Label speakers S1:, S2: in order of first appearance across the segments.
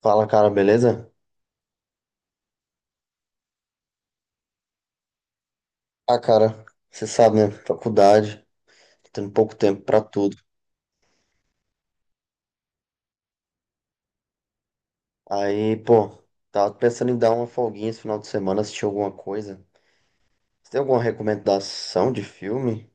S1: Fala, cara, beleza? Ah, cara, você sabe, né? Faculdade, tendo pouco tempo pra tudo. Aí, pô, tava pensando em dar uma folguinha esse final de semana, assistir alguma coisa. Você tem alguma recomendação de filme?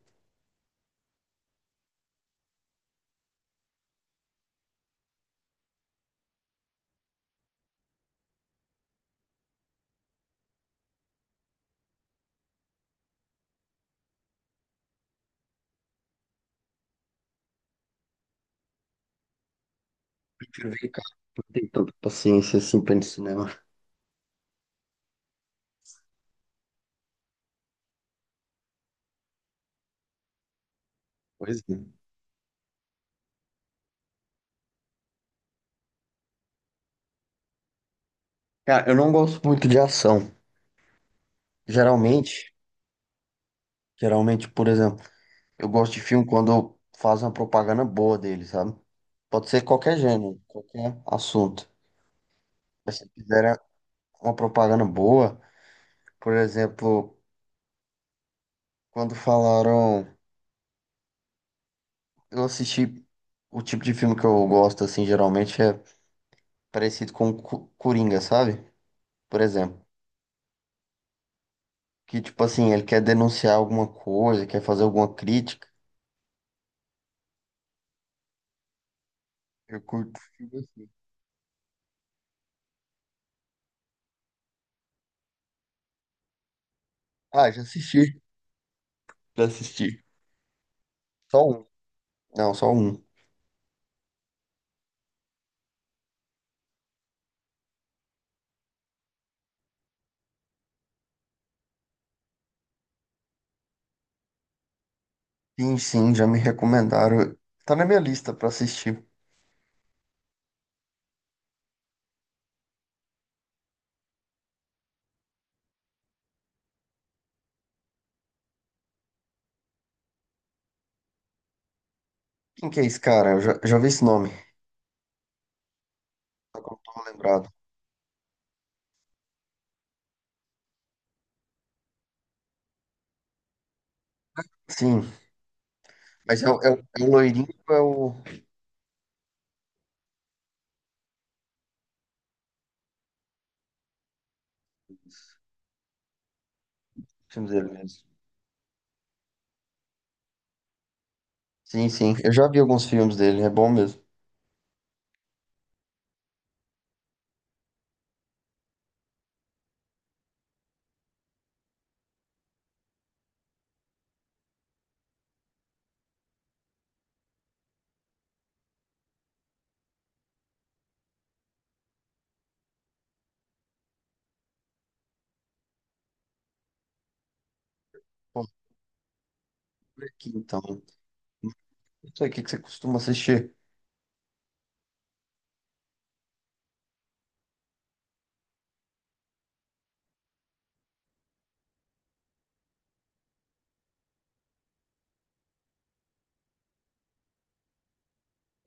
S1: Prefiro ver em casa, não tenho tanta paciência assim pra ir no cinema. Pois é. Cara, eu não gosto muito de ação. Geralmente, geralmente, por exemplo, eu gosto de filme quando faz uma propaganda boa dele, sabe? Pode ser qualquer gênero, qualquer assunto. Mas se fizer uma propaganda boa. Por exemplo, quando falaram, eu assisti o tipo de filme que eu gosto, assim, geralmente é parecido com Coringa, sabe? Por exemplo, que tipo assim, ele quer denunciar alguma coisa, quer fazer alguma crítica. Eu curto filme assim. Ah, já assisti, já assisti. Só um. Não, só um. Sim, sim, já me recomendaram. Tá na minha lista pra assistir. Quem que é esse cara? Eu já vi esse nome. Não tô lembrado. Sim, mas é o loirinho ou o filme dele mesmo? Sim, sim. Eu já vi alguns filmes dele, é bom mesmo. Pô, por aqui então. Não sei o que que você costuma assistir.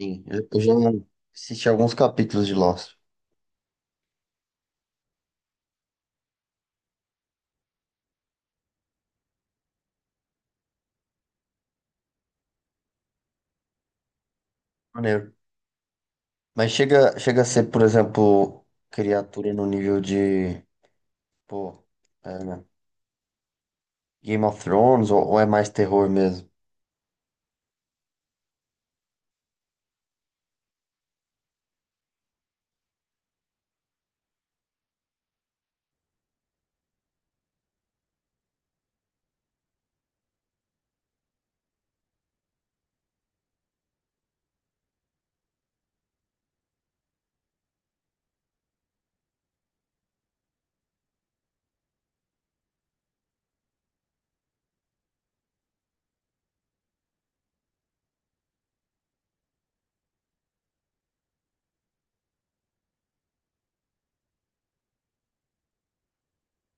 S1: Sim, eu já assisti alguns capítulos de Lost. Maneiro. Mas chega a ser, por exemplo, criatura no nível de, pô, é, né, Game of Thrones ou é mais terror mesmo?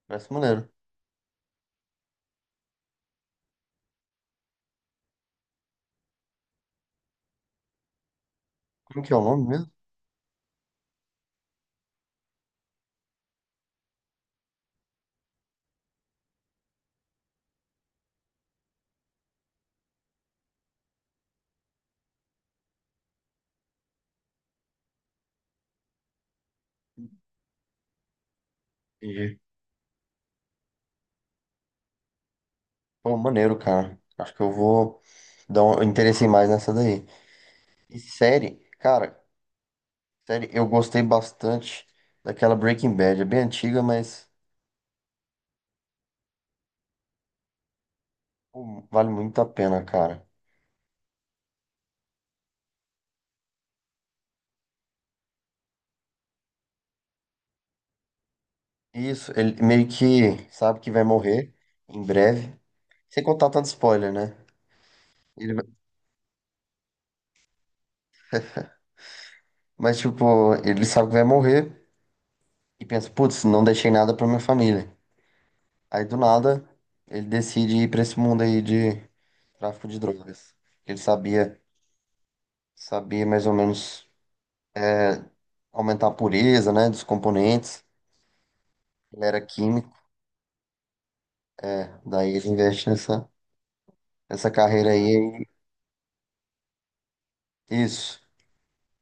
S1: Parece maneiro. Como que é o nome mesmo? Entendi. Pô, maneiro, cara. Acho que eu vou dar um eu interessei mais nessa daí. E série, cara, série, eu gostei bastante daquela Breaking Bad. É bem antiga, mas pô, vale muito a pena, cara. Isso, ele meio que sabe que vai morrer em breve. Sem contar tanto spoiler, né? Ele vai- mas, tipo, ele sabe que vai morrer e pensa, putz, não deixei nada pra minha família. Aí, do nada, ele decide ir pra esse mundo aí de tráfico de drogas. Ele sabia mais ou menos aumentar a pureza, né, dos componentes. Ele era química, daí ele investe nessa. Essa carreira aí, isso.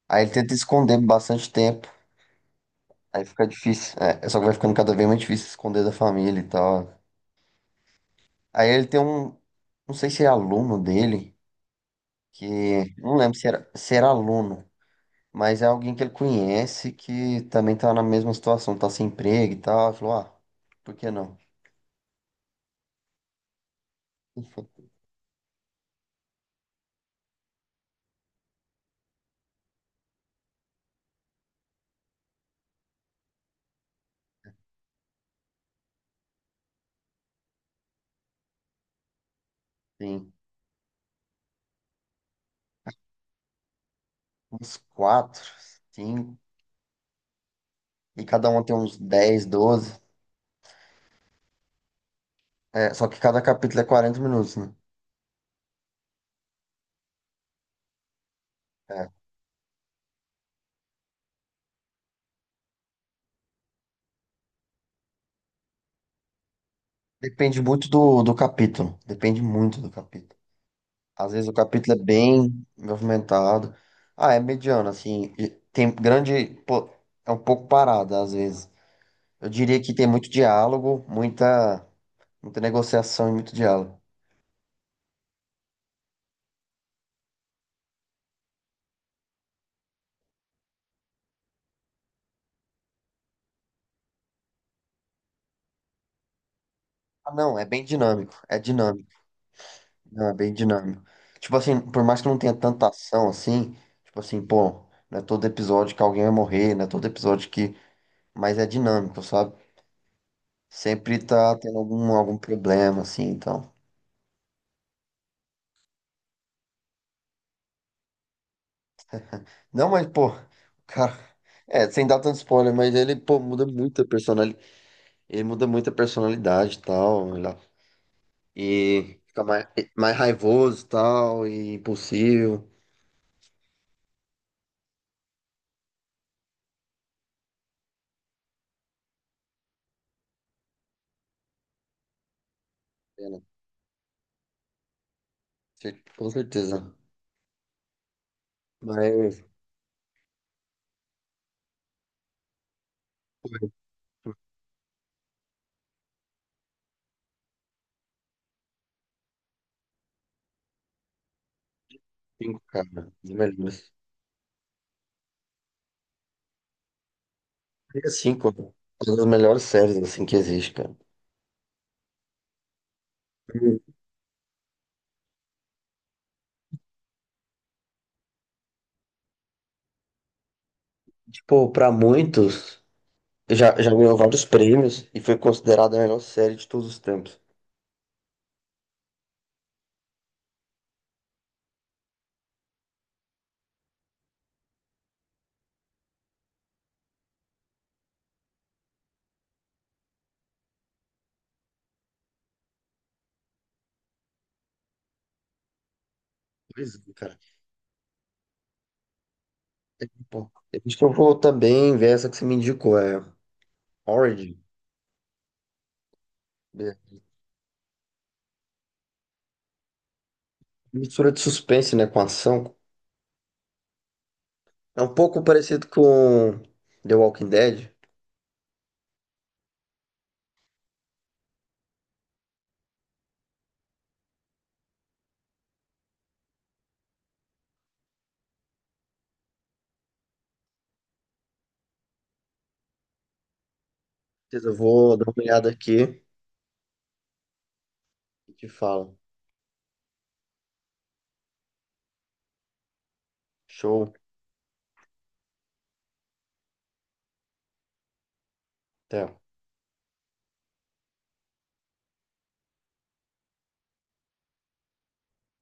S1: Aí ele tenta esconder bastante tempo. Aí fica difícil. É, só que vai ficando cada vez mais difícil esconder da família e tal. Aí ele tem um, não sei se é aluno dele, que não lembro se era aluno, mas é alguém que ele conhece que também tá na mesma situação, tá sem emprego e tal. Ele falou, ah, por que não? Tem uns quatro, cinco, e cada um tem uns 10, 12. É, só que cada capítulo é 40 minutos, né? É, depende muito do capítulo. Depende muito do capítulo. Às vezes o capítulo é bem movimentado. Ah, é mediano, assim. E Tem grande. Pô, é um pouco parado, às vezes. Eu diria que tem muito diálogo, muita negociação e muito diálogo. Ah, não, é bem dinâmico. É dinâmico. Não, é bem dinâmico. Tipo assim, por mais que não tenha tanta ação assim, tipo assim, pô, não é todo episódio que alguém vai morrer, não é todo episódio que. Mas é dinâmico, sabe? Sempre tá tendo algum problema, assim, então. Não, mas, pô, o cara, é, sem dar tanto spoiler, mas ele, pô, muda muito a personalidade. Ele muda muito a personalidade e tal. E fica mais raivoso e tal, e impulsivo. Pena, com certeza. Mas, pô, é cinco, cara, um dos melhores. É cinco, uma das melhores séries, assim, que existe, cara. E, tipo, pra muitos, já ganhou vários prêmios e foi considerada a melhor série de todos os tempos. Pois é, cara. É, pô, acho que eu vou também ver essa que você me indicou, é Origin. É. Mistura de suspense, né, com ação. É um pouco parecido com The Walking Dead. Beleza, eu vou dar uma olhada aqui e te falo. Show. Até.